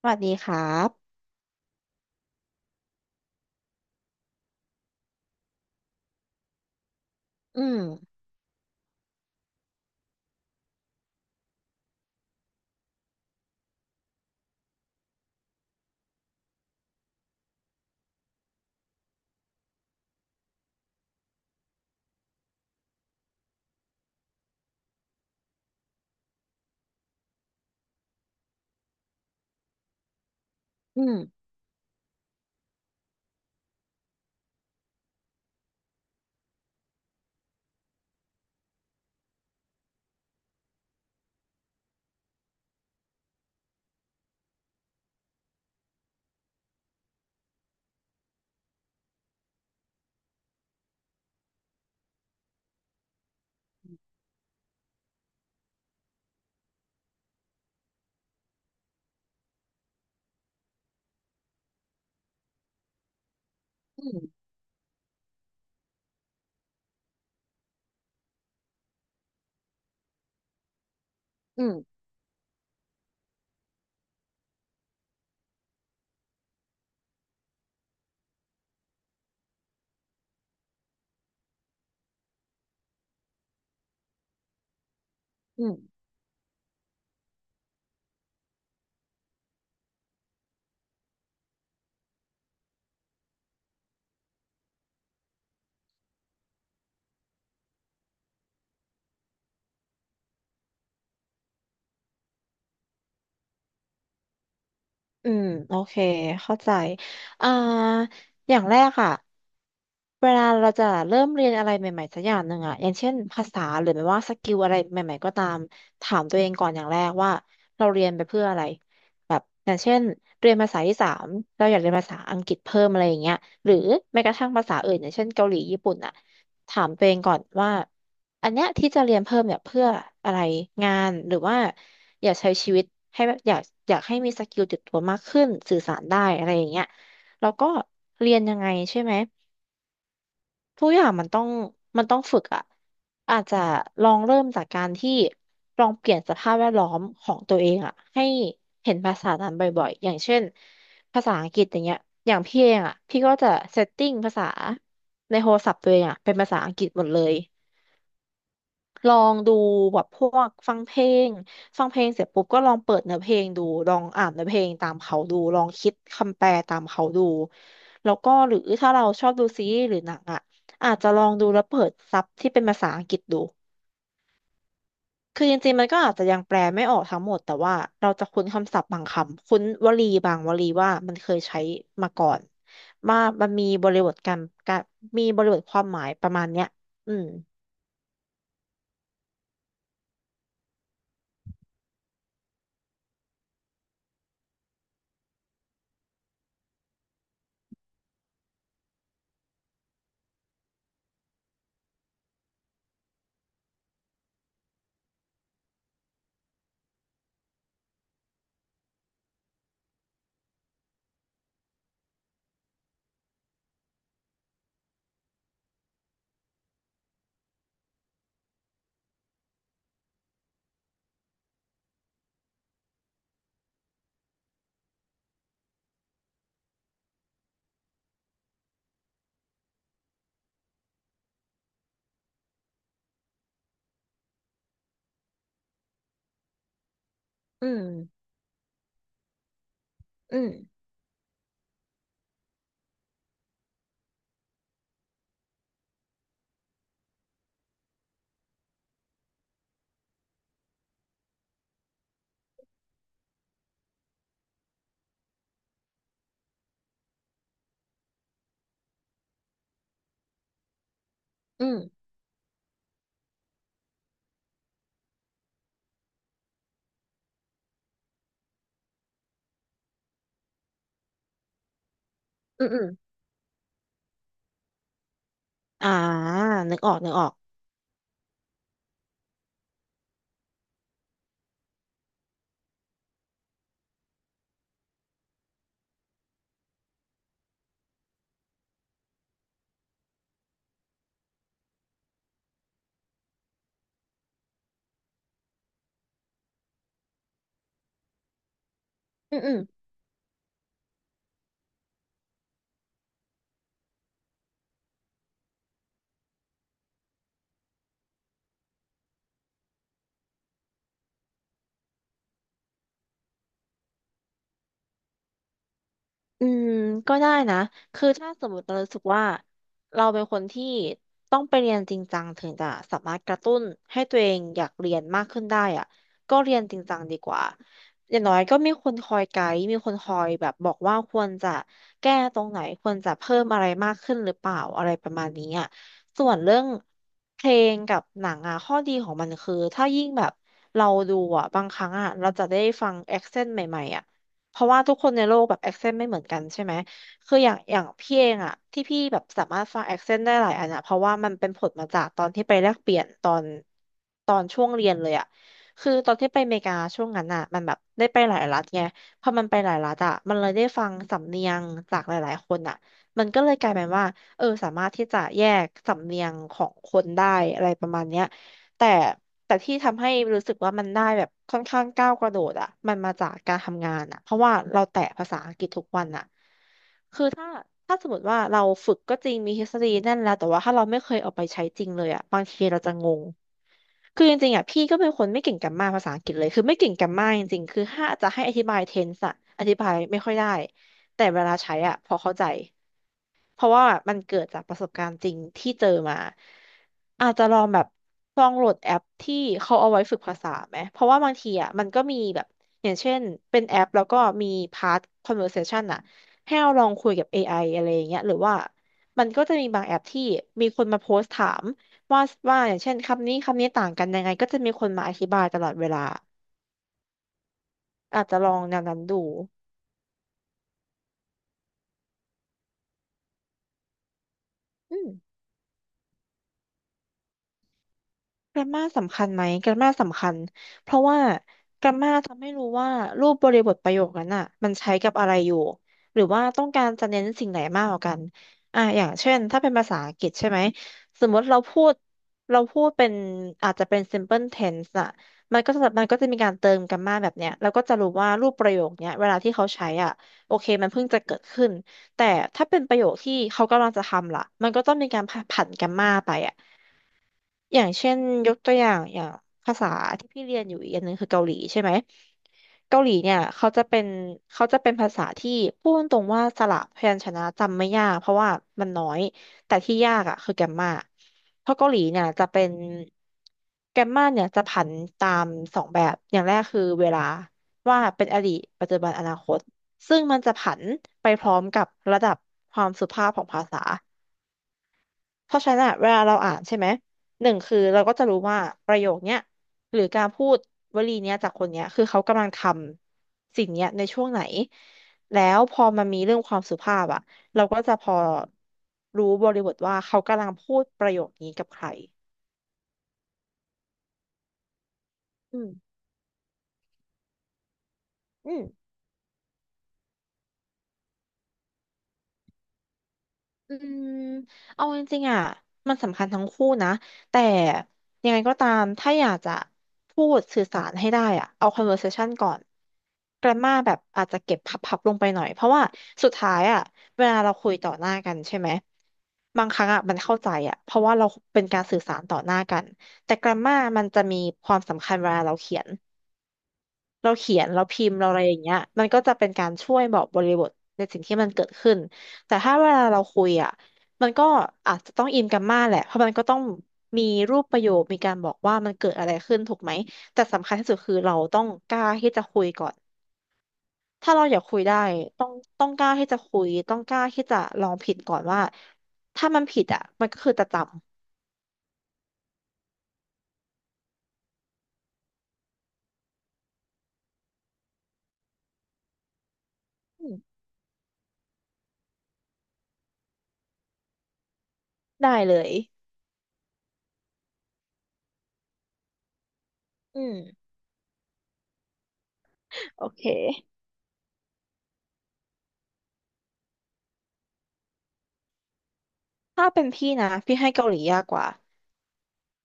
สวัสดีครับอืมอืมอืมอืมอืมอืมโอเคเข้าใจอ่าอย่างแรกอะเวลาเราจะเริ่มเรียนอะไรใหม่ๆสักอย่างหนึ่งอะอย่างเช่นภาษาหรือไม่ว่าสกิลอะไรใหม่ๆก็ตามถามตัวเองก่อนอย่างแรกว่าเราเรียนไปเพื่ออะไรแบบอย่างเช่นเรียนภาษาที่สามเราอยากเรียนภาษาอังกฤษเพิ่มอะไรอย่างเงี้ยหรือแม้กระทั่งภาษาอื่นอย่างเช่นเกาหลีญี่ปุ่นอะถามตัวเองก่อนว่า อันเนี้ยที่จะเรียนเพิ่มเนี่ยเพื่ออะไรงานหรือว่าอยากใช้ชีวิตให้แบบอยากให้มีสกิลติดตัวมากขึ้นสื่อสารได้อะไรอย่างเงี้ยแล้วก็เรียนยังไงใช่ไหมทุกอย่างมันต้องฝึกอะอาจจะลองเริ่มจากการที่ลองเปลี่ยนสภาพแวดล้อมของตัวเองอะให้เห็นภาษานั้นบ่อยๆอย่างเช่นภาษาอังกฤษอย่างเงี้ยอย่างพี่เองอะพี่ก็จะเซตติ้งภาษาในโทรศัพท์ตัวเองอะเป็นภาษาอังกฤษหมดเลย ลองดูแบบพวกฟังเพลงฟังเพลงเสร็จปุ๊บก็ลองเปิดเนื้อเพลงดูลองอ่านเนื้อเพลงตามเขาดูลองคิดคำแปลตามเขาดูแล้วก็หรือถ้าเราชอบดูซีรีส์หรือหนังอ่ะอาจจะลองดูแล้วเปิดซับที่เป็นภาษาอังกฤษดูคือจริงๆมันก็อาจจะยังแปลไม่ออกทั้งหมดแต่ว่าเราจะคุ้นคำศัพท์บางคำคุ้นวลีบางวลีว่ามันเคยใช้มาก่อนว่ามันมีบริบทการมีบริบทความหมายประมาณเนี้ยอืมอืมอืมอืมอืมอืม อ่านึกออก นึกออกอืมอืม อืมก็ได้นะคือถ้าสมมติเรารู้สึกว่าเราเป็นคนที่ต้องไปเรียนจริงจังถึงจะสามารถกระตุ้นให้ตัวเองอยากเรียนมากขึ้นได้อ่ะก็เรียนจริงจังดีกว่าอย่างน้อยก็มีคนคอยไกด์มีคนคอยแบบบอกว่าควรจะแก้ตรงไหนควรจะเพิ่มอะไรมากขึ้นหรือเปล่าอะไรประมาณนี้อ่ะส่วนเรื่องเพลงกับหนังอ่ะข้อดีของมันคือถ้ายิ่งแบบเราดูอ่ะบางครั้งอ่ะเราจะได้ฟังแอคเซนต์ใหม่ๆอ่ะ เพราะว่าทุกคนในโลกแบบแอคเซนต์ไม่เหมือนกันใช่ไหมคืออย่างอย่างพี่เองอะที่พี่แบบสามารถฟังแอคเซนต์ได้หลายอันอะเพราะว่ามันเป็นผลมาจากตอนที่ไปแลกเปลี่ยนตอนช่วงเรียนเลยอะคือตอนที่ไปอเมริกาช่วงนั้นอะมันแบบได้ไปหลายรัฐไงพอมันไปหลายรัฐอะมันเลยได้ฟังสำเนียงจากหลายๆคนอะมันก็เลยกลายเป็นว่าเออสามารถที่จะแยกสำเนียงของคนได้อะไรประมาณเนี้ย แต่แต่ที่ทำให้รู้สึกว่ามันได้แบบค่อนข้างก้าวกระโดดอ่ะมันมาจากการทำงานอ่ะเพราะว่าเราแตะภาษาอังกฤษทุกวันอ่ะคือถ้าสมมติว่าเราฝึกก็จริงมีทฤษฎีแน่นแล้วแต่ว่าถ้าเราไม่เคยเอาไปใช้จริงเลยอ่ะบางทีเราจะงงคือจริงๆอ่ะพี่ก็เป็นคนไม่เก่งแกรมมาภาษาอังกฤษเลยคือไม่เก่งแกรมมาจริงๆคือถ้าจะให้อธิบายเทนส์อะอธิบายไม่ค่อยได้แต่เวลาใช้อ่ะพอเข้าใจ เพราะว่ามันเกิดจากประสบการณ์จริงที่เจอมาอาจจะลองแบบลองโหลดแอปที่เขาเอาไว้ฝึกภาษาไหมเพราะว่าบางทีอ่ะมันก็มีแบบอย่างเช่นเป็นแอปแล้วก็มีพาร์ท conversation อ่ะให้เราลองคุยกับ AI อไออะไรอย่างเงี้ยหรือว่ามันก็จะมีบางแอปที่มีคนมาโพสต์ถามว่าว่าอย่างเช่นคำนี้คำนี้ต่างกันยังไงก็จะมีคนมาอธิบายตลอดเวลาอาจจะลองแนวนั้นดูอืม แกรมมาสำคัญไหมแกรมมาสำคัญเพราะว่าแกรมมาทำให้รู้ว่ารูปบริบทประโยคนั้นอ่ะมันใช้กับอะไรอยู่หรือว่าต้องการจะเน้นสิ่งไหนมากกว่ากันอย่างเช่นถ้าเป็นภาษาอังกฤษใช่ไหมสมมติเราพูดเป็นอาจจะเป็น simple tense อ่ะมันก็จะมีการเติมแกรมมาแบบเนี้ยเราก็จะรู้ว่ารูปประโยคเนี้ยเวลาที่เขาใช้อ่ะโอเคมันเพิ่งจะเกิดขึ้นแต่ถ้าเป็นประโยคที่เขากำลังจะทำล่ะมันก็ต้องมีการผันแกรมมาไปอ่ะ อย่างเช่นยกตัวอย่างอย่างภาษาที่พี่เรียนอยู่อีกอันหนึ่งคือเกาหลีใช่ไหมเกาหลีเนี่ยเขาจะเป็นภาษาที่พูดตรงว่าสระพยัญชนะจำไม่ยากเพราะว่ามันน้อยแต่ที่ยากอ่ะคือแกมมาเพราะเกาหลีเนี่ยจะเป็นแกมมาเนี่ยจะผันตามสองแบบอย่างแรกคือเวลาว่าเป็นอดีตปัจจุบันอนาคตซึ่งมันจะผันไปพร้อมกับระดับความสุภาพของภาษา เพราะฉะนั้นอะเวลาเราอ่านใช่ไหมหนึ่งคือเราก็จะรู้ว่าประโยคเนี้ยหรือการพูดวลีเนี้ยจากคนเนี้ยคือเขากำลังทำสิ่งเนี้ยในช่วงไหนแล้วพอมันมีเรื่องความสุภาพอะเราก็จะพอรู้บริบทว่าเขากำลังพูดประโยคนี้กับใครอืมอืม อืมเอาจริงๆอ่ะมันสำคัญทั้งคู่นะแต่ยังไงก็ตามถ้าอยากจะพูดสื่อสารให้ได้อ่ะเอา conversation ก่อน grammar แบบอาจจะเก็บพับๆลงไปหน่อยเพราะว่าสุดท้ายอ่ะเวลาเราคุยต่อหน้ากันใช่ไหมบางครั้งอ่ะมันเข้าใจอ่ะเพราะว่าเราเป็นการสื่อสารต่อหน้ากันแต่ grammar มันจะมีความสำคัญเวลาเราเขียน เราเขียนเราพิมพ์เราอะไรอย่างเงี้ยมันก็จะเป็นการช่วยบอกบริบทในสิ่งที่มันเกิดขึ้นแต่ถ้าเวลาเราคุยอ่ะมันก็อาจจะต้องอินกันมากแหละเพราะมันก็ต้องมีรูปประโยคมีการบอกว่ามันเกิดอะไรขึ้นถูกไหมแต่สำคัญที่สุดคือเราต้องกล้าที่จะคุยก่อนถ้าเราอยากคุยได้ต้องต้องกล้าที่จะคุยต้องกล้าที่จะลองผิดก่อนว่าถ้ามันผิดอ่ะมันก็คือจะจำอืมได้เลยอืมโอเคถ้าเป็นพี่นะพี่ให้เกาหลียากกว่า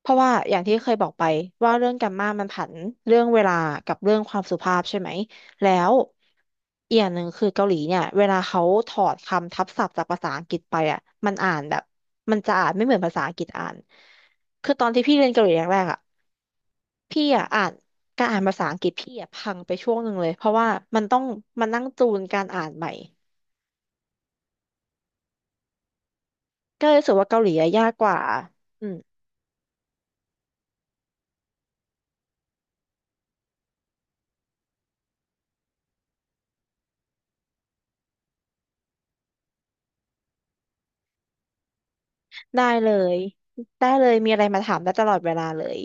เพราะว่าอย่างที่เคยบอกไปว่าเรื่องแกมมามันผันเรื่องเวลากับเรื่องความสุภาพใช่ไหมแล้วอีกอย่างหนึ่งคือเกาหลีเนี่ยเวลาเขาถอดคำทับศัพท์จากภาษาอังกฤษไปอ่ะมันอ่านแบบมันจะอ่านไม่เหมือนภาษาอังกฤษอ่านคือตอนที่พี่เรียนเกาหลีแรกๆอ่ะพี่อะพังไปช่วงหนึ่งเลยเพราะว่ามันต้องมานั่งจูนการอ่านใหม่ก็เลยรู้สึกว่าเกาหลีอะยากกว่าอืมได้เลยได้เลยมีอะไรมาถามได้ตลอดเวลาเลย